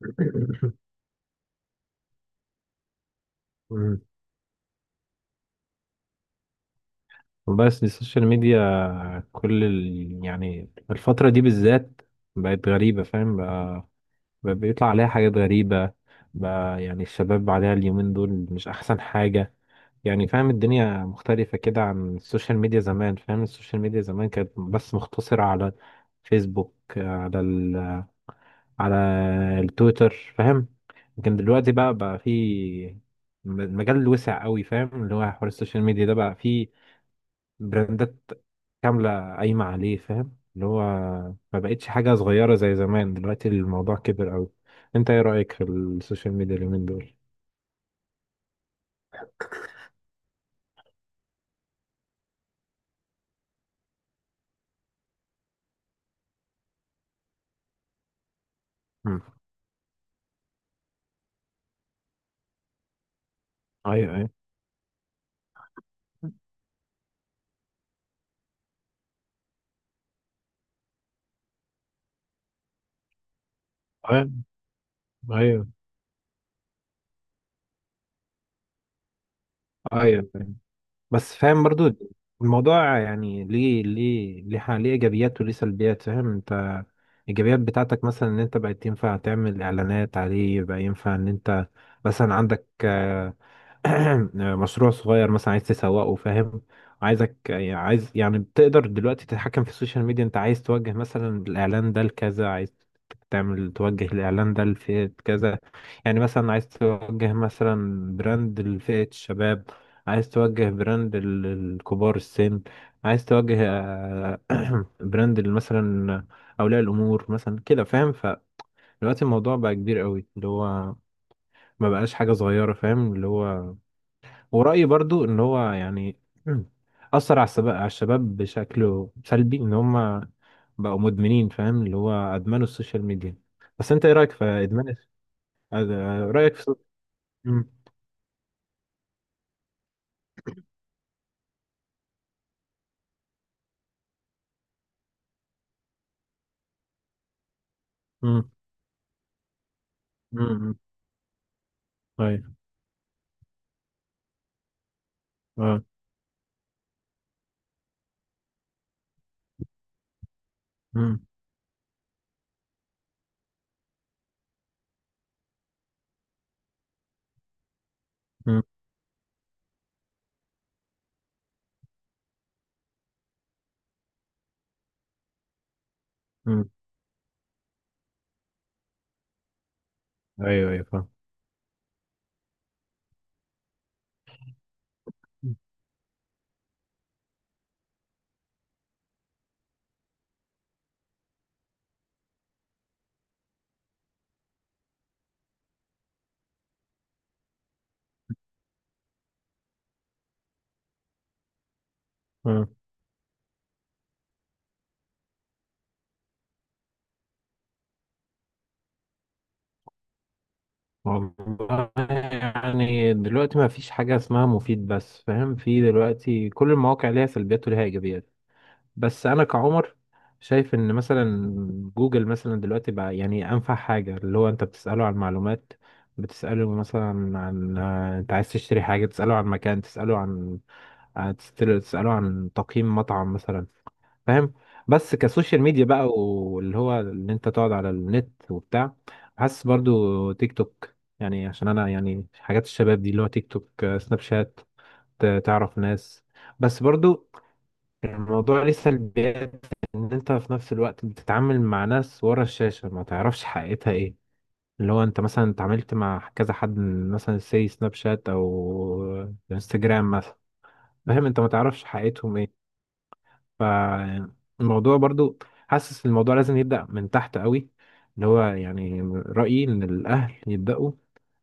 مم. والله، بس السوشيال ميديا يعني الفترة دي بالذات بقت غريبة، فاهم؟ بقى بقى بيطلع عليها حاجات غريبة. بقى يعني الشباب عليها اليومين دول مش أحسن حاجة. يعني فاهم، الدنيا مختلفة كده عن السوشيال ميديا زمان. فاهم، السوشيال ميديا زمان كانت بس مختصرة على فيسبوك، على التويتر، فاهم. لكن دلوقتي بقى في المجال وسع قوي، فاهم، اللي هو حوار السوشيال ميديا ده بقى فيه براندات كاملة قايمة عليه. فاهم اللي هو ما بقتش حاجة صغيرة زي زمان، دلوقتي الموضوع كبر أوي. أنت إيه رأيك في السوشيال ميديا اليومين دول؟ مم. أيوه، أيوه، أيوه، أيوه، أيوه، فاهم. بس فاهم برضو، الموضوع يعني ليه إيجابيات وليه سلبيات، فاهم أنت. الإيجابيات بتاعتك مثلا، إن أنت بقيت ينفع تعمل إعلانات عليه، بقى ينفع إن أنت مثلا عندك مشروع صغير مثلا عايز تسوقه، فاهم. عايز يعني بتقدر دلوقتي تتحكم في السوشيال ميديا. انت عايز توجه مثلا الاعلان ده لكذا، عايز تعمل توجه الاعلان ده لفئة كذا. يعني مثلا عايز توجه مثلا براند لفئة الشباب، عايز توجه براند لكبار السن، عايز توجه براند مثلا اولياء الامور مثلا كده، فاهم. فدلوقتي الموضوع بقى كبير قوي، اللي هو ما بقاش حاجة صغيرة، فاهم اللي هو. ورأيي برضو ان هو يعني اثر على الشباب، على الشباب بشكل سلبي، ان هم بقوا مدمنين، فاهم اللي هو ادمنوا السوشيال ميديا. بس انت ايه رأيك في ادمان رأيك في. امم. امم. امم. ايوه. اه. امم. امم. ايوه، ايوه، فاهم. آه. والله يعني دلوقتي ما فيش حاجة اسمها مفيد، بس فاهم، في دلوقتي كل المواقع ليها سلبيات وليها ايجابيات. بس انا كعمر شايف ان مثلا جوجل مثلا دلوقتي بقى يعني انفع حاجه، اللي هو انت بتساله عن معلومات، بتساله مثلا عن انت عايز تشتري حاجه، تساله عن مكان، تساله عن تساله عن تقييم مطعم مثلا، فاهم. بس كسوشيال ميديا بقى، واللي هو ان انت تقعد على النت وبتاع، حاسس برضو تيك توك. يعني عشان انا يعني حاجات الشباب دي اللي هو تيك توك، سناب شات، تعرف ناس. بس برضو الموضوع ليه سلبيات، ان انت في نفس الوقت بتتعامل مع ناس ورا الشاشة ما تعرفش حقيقتها ايه. اللي هو انت مثلا اتعاملت مع كذا حد من مثلا سي سناب شات او انستجرام مثلا. فاهم انت ما تعرفش حقيقتهم ايه. فالموضوع برضو حاسس الموضوع لازم يبدأ من تحت قوي. اللي هو يعني رأيي ان الاهل يبدأوا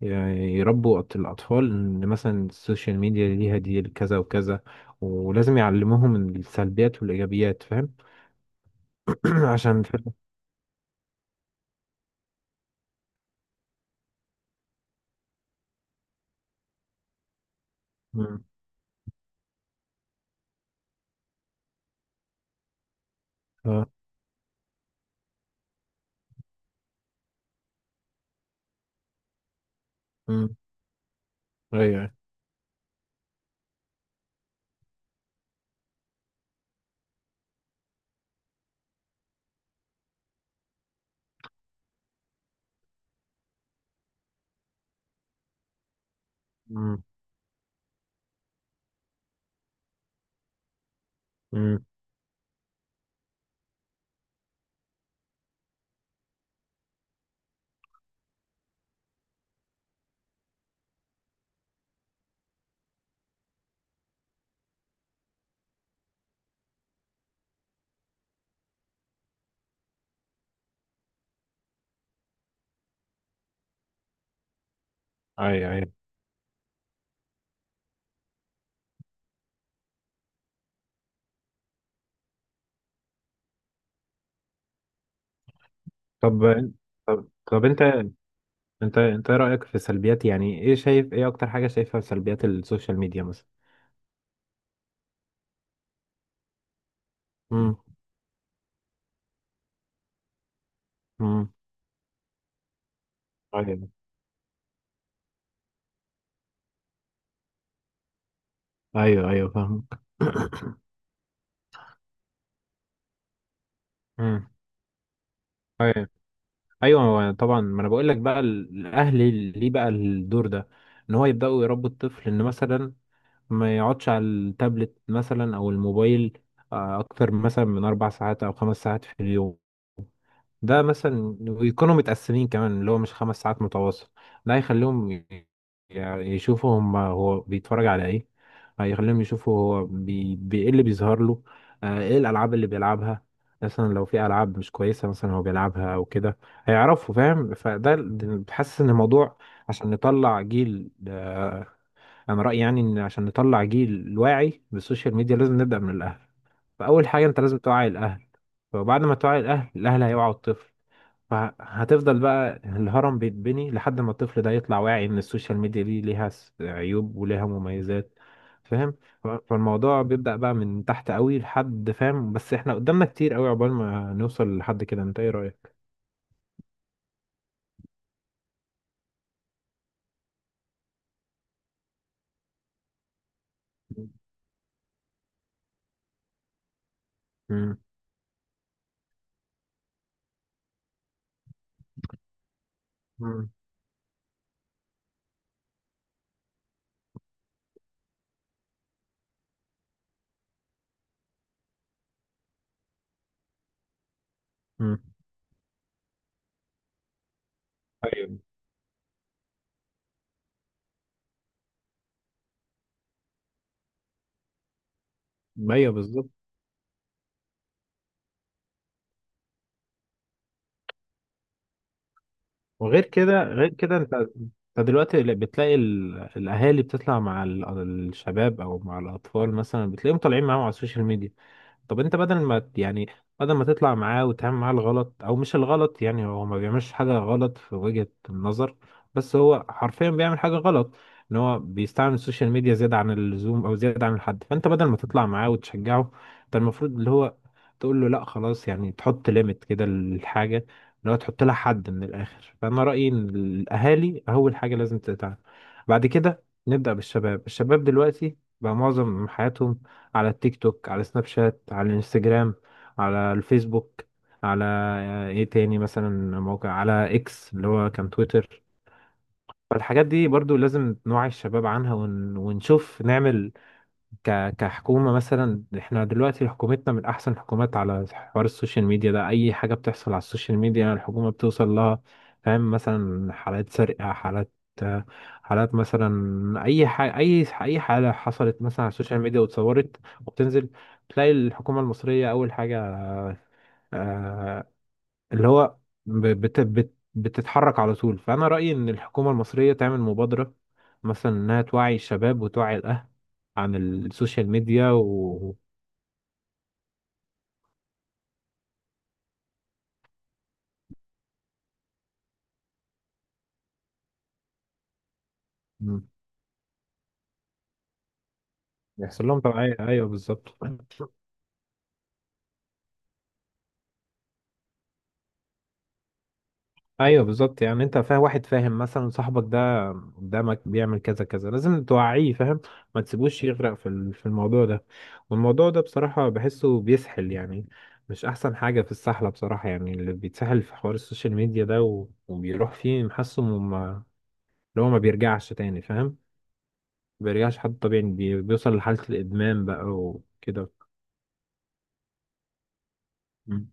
يربوا الأطفال، إن مثلا السوشيال ميديا ليها دي كذا وكذا، ولازم يعلموهم السلبيات والإيجابيات، فاهم. عشان الفيلم. مم. اه. مم. ايوه. مم. مم. ايوه، ايوه. طب طب انت ايه رأيك في سلبيات، يعني ايه شايف، ايه اكتر حاجة شايفها في سلبيات السوشيال ميديا مثلا؟ مم. مم. ايوه، ايوه، ايوه، فاهمك. مم. ايوه، ايوه، هو طبعا، ما انا بقول لك بقى الاهل ليه بقى الدور ده. ان هو يبداوا يربوا الطفل ان مثلا ما يقعدش على التابلت مثلا او الموبايل اكتر مثلا من 4 ساعات او 5 ساعات في اليوم. ده مثلا، ويكونوا متقسمين كمان اللي هو مش 5 ساعات متواصل. ده هيخليهم يعني يشوفوا هم هو بيتفرج على ايه، هيخليهم يشوفوا هو ايه اللي بيظهر له، ايه الالعاب اللي بيلعبها. مثلا لو في العاب مش كويسه مثلا هو بيلعبها او كده، هيعرفوا فاهم. فده بحس ان الموضوع. عشان نطلع جيل انا رايي يعني ان عشان نطلع جيل واعي بالسوشيال ميديا لازم نبدا من الاهل. فاول حاجه انت لازم توعي الاهل. فبعد ما توعي الاهل، الاهل هيوعوا الطفل. فهتفضل بقى الهرم بيتبني لحد ما الطفل ده يطلع واعي ان السوشيال ميديا دي ليها عيوب وليها مميزات، فاهم. فالموضوع بيبدأ بقى من تحت قوي لحد، فاهم، بس احنا قدامنا كتير قوي عقبال ما نوصل لحد كده. انت ايه رأيك؟ مم. مم. مم. ايوه، ايوه، بالظبط. وغير كده، غير كده، انت دلوقتي بتلاقي الاهالي بتطلع مع الشباب او مع الاطفال مثلا، بتلاقيهم طالعين معاهم على السوشيال ميديا. طب انت بدل ما يعني بدل ما تطلع معاه وتعمل معاه الغلط او مش الغلط، يعني هو ما بيعملش حاجة غلط في وجهة النظر، بس هو حرفيا بيعمل حاجة غلط. ان هو بيستعمل السوشيال ميديا زيادة عن اللزوم او زيادة عن الحد. فانت بدل ما تطلع معاه وتشجعه، انت المفروض اللي هو تقول له لا خلاص، يعني تحط ليميت كده للحاجة، اللي هو تحط لها حد من الاخر. فانا رأيي ان الاهالي اول حاجة لازم تتعامل. بعد كده نبدأ بالشباب. الشباب دلوقتي بقى معظم حياتهم على التيك توك، على سناب شات، على الانستجرام، على الفيسبوك، على ايه تاني مثلا موقع، على اكس اللي هو كان تويتر. فالحاجات دي برضو لازم نوعي الشباب عنها ونشوف نعمل كحكومة مثلا. احنا دلوقتي حكومتنا من أحسن الحكومات على حوار السوشيال ميديا ده، أي حاجة بتحصل على السوشيال ميديا الحكومة بتوصل لها. فاهم، مثلا حالات سرقة، حالات مثلا، أي حاجة، أي حالة حصلت مثلا على السوشيال ميديا واتصورت وبتنزل، تلاقي الحكومة المصرية أول حاجة، آه، اللي هو ب- بت بت بتتحرك على طول. فأنا رأيي إن الحكومة المصرية تعمل مبادرة، مثلا إنها توعي الشباب وتوعي الأهل عن السوشيال ميديا و. مم. يحصل لهم توعية، أيوه، بالظبط. ايوه، بالظبط، يعني انت فاهم، واحد فاهم مثلا صاحبك ده قدامك بيعمل كذا كذا، لازم توعيه، فاهم. ما تسيبوش يغرق في الموضوع ده. والموضوع ده بصراحة بحسه بيسحل، يعني مش احسن حاجة في السحلة بصراحة. يعني اللي بيتسحل في حوار السوشيال ميديا ده وبيروح فيه محسه وما-، اللي هو ما بيرجعش تاني، فاهم. ما بيرجعش حد طبيعي، بيوصل لحالة الادمان بقى وكده. مم.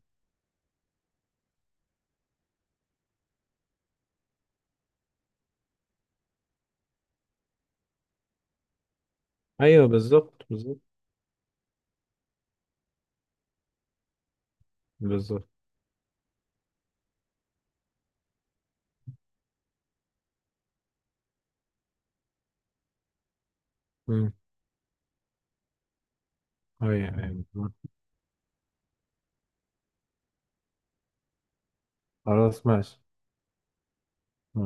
ايوه، بالظبط، بالظبط، بالظبط. مم. ايوه، أيوة. خلاص، ماشي.